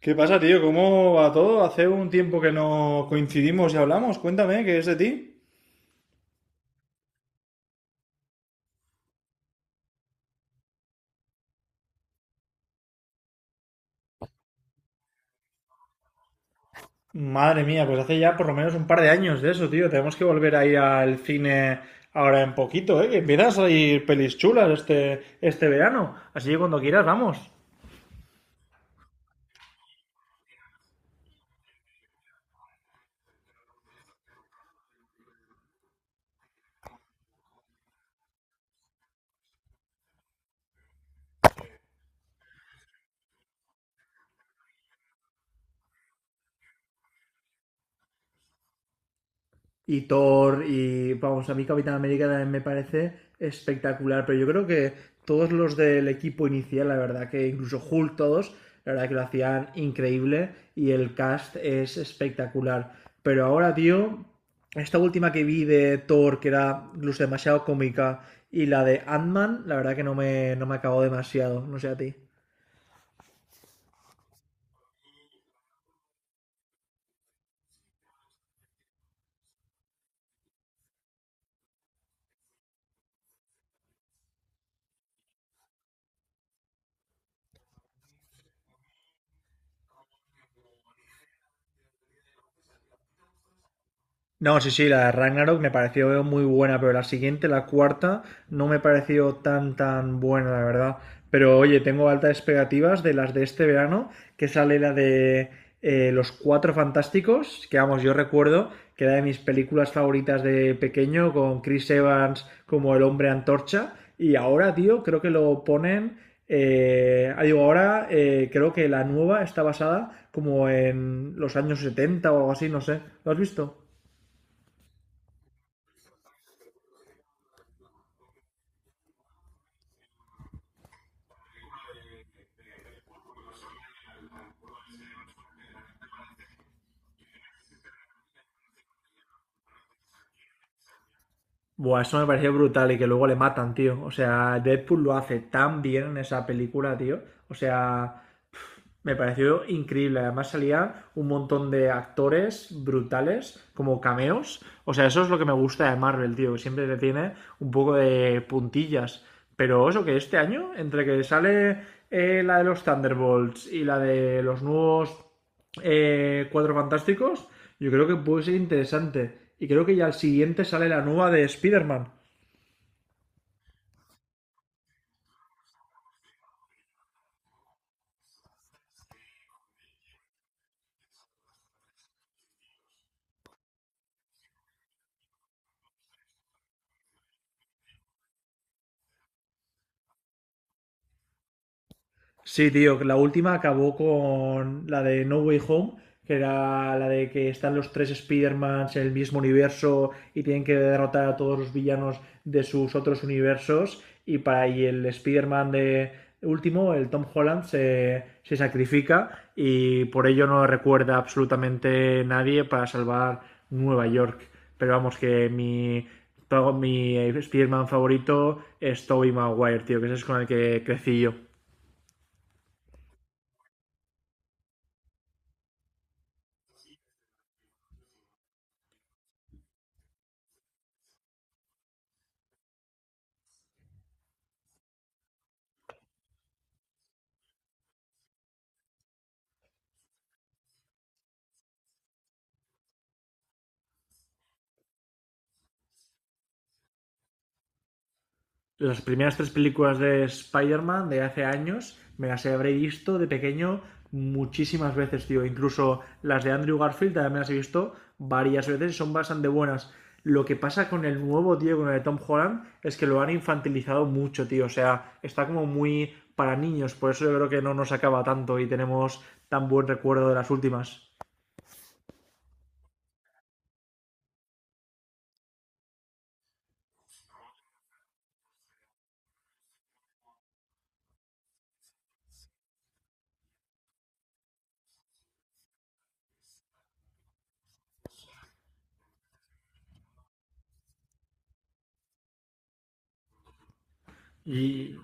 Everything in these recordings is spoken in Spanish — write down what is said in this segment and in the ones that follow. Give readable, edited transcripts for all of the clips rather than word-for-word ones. ¿Qué pasa, tío? ¿Cómo va todo? Hace un tiempo que no coincidimos y hablamos. Cuéntame, ¿qué es de ti? Madre mía, pues hace ya por lo menos un par de años de eso, tío. Tenemos que volver a ir al cine ahora en poquito, ¿eh? Que empiezan a salir pelis chulas este verano. Así que cuando quieras, vamos. Y Thor y vamos, a mí Capitán América también me parece espectacular, pero yo creo que todos los del equipo inicial, la verdad que incluso Hulk todos, la verdad que lo hacían increíble y el cast es espectacular. Pero ahora, tío, esta última que vi de Thor, que era incluso demasiado cómica, y la de Ant-Man, la verdad que no me acabó demasiado, no sé a ti. No, sí, sí, la de Ragnarok me pareció muy buena, pero la siguiente, la cuarta, no me pareció tan, tan buena, la verdad. Pero oye, tengo altas expectativas de las de este verano, que sale la de Los Cuatro Fantásticos, que vamos, yo recuerdo que era de mis películas favoritas de pequeño, con Chris Evans como el hombre antorcha, y ahora, tío, creo que lo ponen... digo, ahora creo que la nueva está basada como en los años 70 o algo así, no sé. ¿Lo has visto? Buah, eso me pareció brutal y que luego le matan, tío. O sea, Deadpool lo hace tan bien en esa película, tío. O sea, me pareció increíble. Además salían un montón de actores brutales como cameos. O sea, eso es lo que me gusta de Marvel, tío, que siempre te tiene un poco de puntillas. Pero eso que este año, entre que sale la de los Thunderbolts y la de los nuevos Cuatro Fantásticos, yo creo que puede ser interesante. Y creo que ya al siguiente sale la nueva de Spider-Man. Sí, tío, que la última acabó con la de No Way Home, que era la de que están los tres Spider-Mans en el mismo universo y tienen que derrotar a todos los villanos de sus otros universos. Y para ahí el Spider-Man de último, el Tom Holland, se sacrifica y por ello no recuerda absolutamente nadie para salvar Nueva York. Pero vamos, que mi Spider-Man favorito es Tobey Maguire, tío, que ese es con el que crecí yo. Las primeras tres películas de Spider-Man de hace años me las habré visto de pequeño muchísimas veces, tío. Incluso las de Andrew Garfield también me las he visto varias veces y son bastante buenas. Lo que pasa con el nuevo, tío, con el de Tom Holland, es que lo han infantilizado mucho, tío. O sea, está como muy para niños. Por eso yo creo que no nos acaba tanto y tenemos tan buen recuerdo de las últimas. Y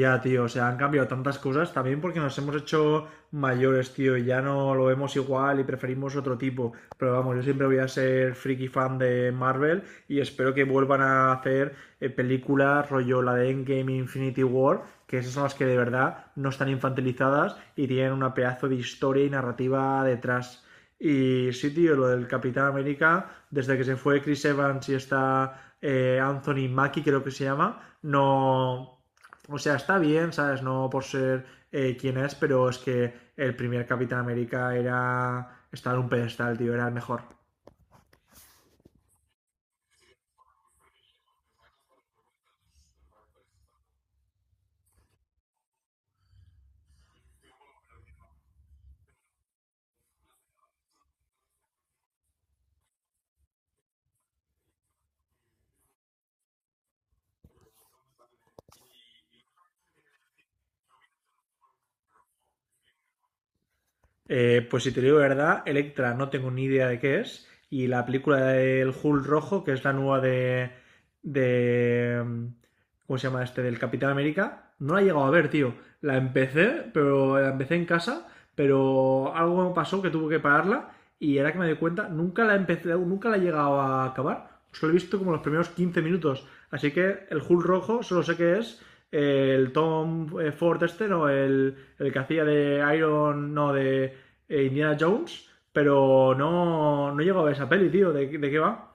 ya, tío, o sea, han cambiado tantas cosas también porque nos hemos hecho mayores, tío, y ya no lo vemos igual y preferimos otro tipo. Pero vamos, yo siempre voy a ser friki fan de Marvel y espero que vuelvan a hacer películas rollo la de Endgame Infinity War, que esas son las que de verdad no están infantilizadas y tienen una pedazo de historia y narrativa detrás. Y sí, tío, lo del Capitán América, desde que se fue Chris Evans y está Anthony Mackie, creo que se llama, no o sea, está bien, ¿sabes? No por ser quien es, pero es que el primer Capitán América era. Estaba en un pedestal, tío, era el mejor. Pues si te digo la verdad, Electra no tengo ni idea de qué es. Y la película del Hulk rojo, que es la nueva de, de. ¿Cómo se llama este? Del Capitán América. No la he llegado a ver, tío. La empecé, pero la empecé en casa, pero algo me pasó que tuve que pararla y era que me di cuenta, nunca la empecé, nunca la he llegado a acabar. Solo he visto como los primeros 15 minutos. Así que el Hulk rojo solo sé que es el Tom Ford este, ¿no? El que hacía de Iron, no, de Indiana Jones, pero no, no he llegado a ver esa peli, tío, ¿de qué va?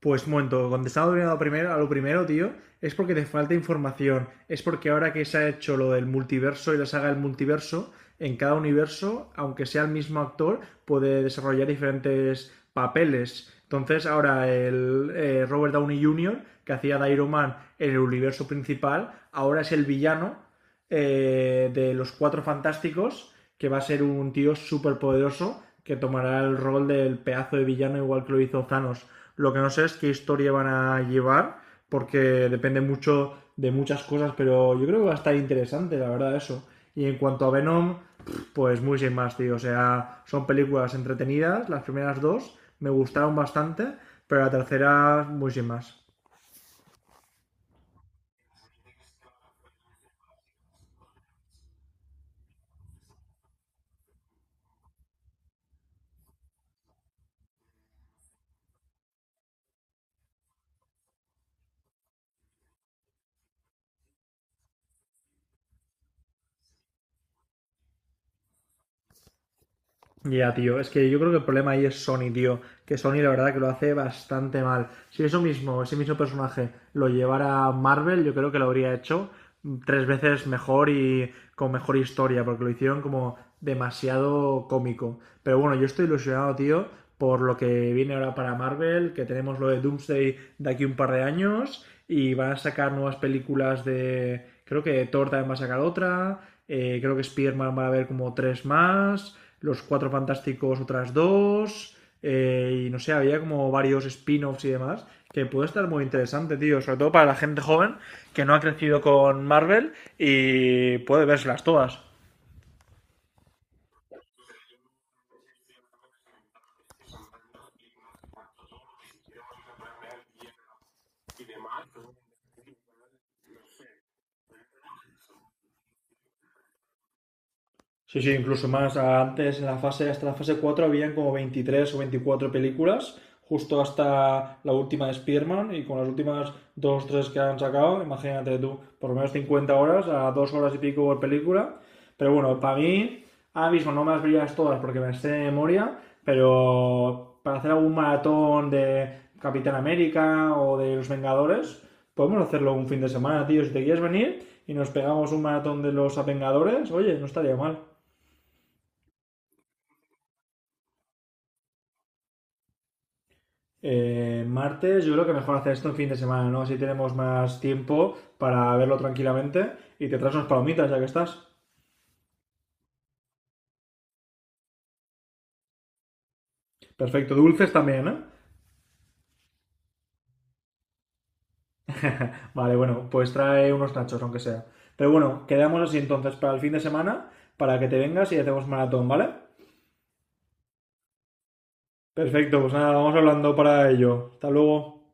Pues un momento, contestando a lo primero, tío, es porque te falta información. Es porque ahora que se ha hecho lo del multiverso y la saga del multiverso, en cada universo, aunque sea el mismo actor, puede desarrollar diferentes papeles. Entonces, ahora el Robert Downey Jr., que hacía de Iron Man en el universo principal, ahora es el villano de los cuatro fantásticos, que va a ser un tío súper poderoso que tomará el rol del pedazo de villano igual que lo hizo Thanos. Lo que no sé es qué historia van a llevar, porque depende mucho de muchas cosas, pero yo creo que va a estar interesante, la verdad, eso. Y en cuanto a Venom, pues muy sin más, tío. O sea, son películas entretenidas, las primeras dos me gustaron bastante, pero la tercera muy sin más. Ya, yeah, tío, es que yo creo que el problema ahí es Sony, tío. Que Sony la verdad que lo hace bastante mal. Si eso mismo, ese mismo personaje lo llevara Marvel, yo creo que lo habría hecho tres veces mejor y con mejor historia, porque lo hicieron como demasiado cómico. Pero bueno, yo estoy ilusionado, tío, por lo que viene ahora para Marvel, que tenemos lo de Doomsday de aquí un par de años y van a sacar nuevas películas de... Creo que Thor también va a sacar otra, creo que Spider-Man va a haber como tres más. Los Cuatro Fantásticos otras dos, y no sé, había como varios spin-offs y demás, que puede estar muy interesante, tío, sobre todo para la gente joven que no ha crecido con Marvel y puede verlas todas. Sí, sí, incluso más. Antes, en la fase, hasta la fase 4 habían como 23 o 24 películas, justo hasta la última de Spearman, y con las últimas dos o tres que han sacado, imagínate tú, por lo menos 50 horas, a 2 horas y pico por película. Pero bueno, para mí, ahora mismo no me las verías todas porque me las sé de memoria, pero para hacer algún maratón de Capitán América o de Los Vengadores, podemos hacerlo un fin de semana, tío. Si te quieres venir y nos pegamos un maratón de los Vengadores, oye, no estaría mal. Martes, yo creo que mejor hacer esto en fin de semana, ¿no? Así tenemos más tiempo para verlo tranquilamente y te traes unas palomitas ya que estás. Perfecto, dulces también, ¿eh? Vale, bueno, pues trae unos nachos, aunque sea. Pero bueno, quedamos así entonces para el fin de semana, para que te vengas y hacemos maratón, ¿vale? Perfecto, pues nada, vamos hablando para ello. Hasta luego.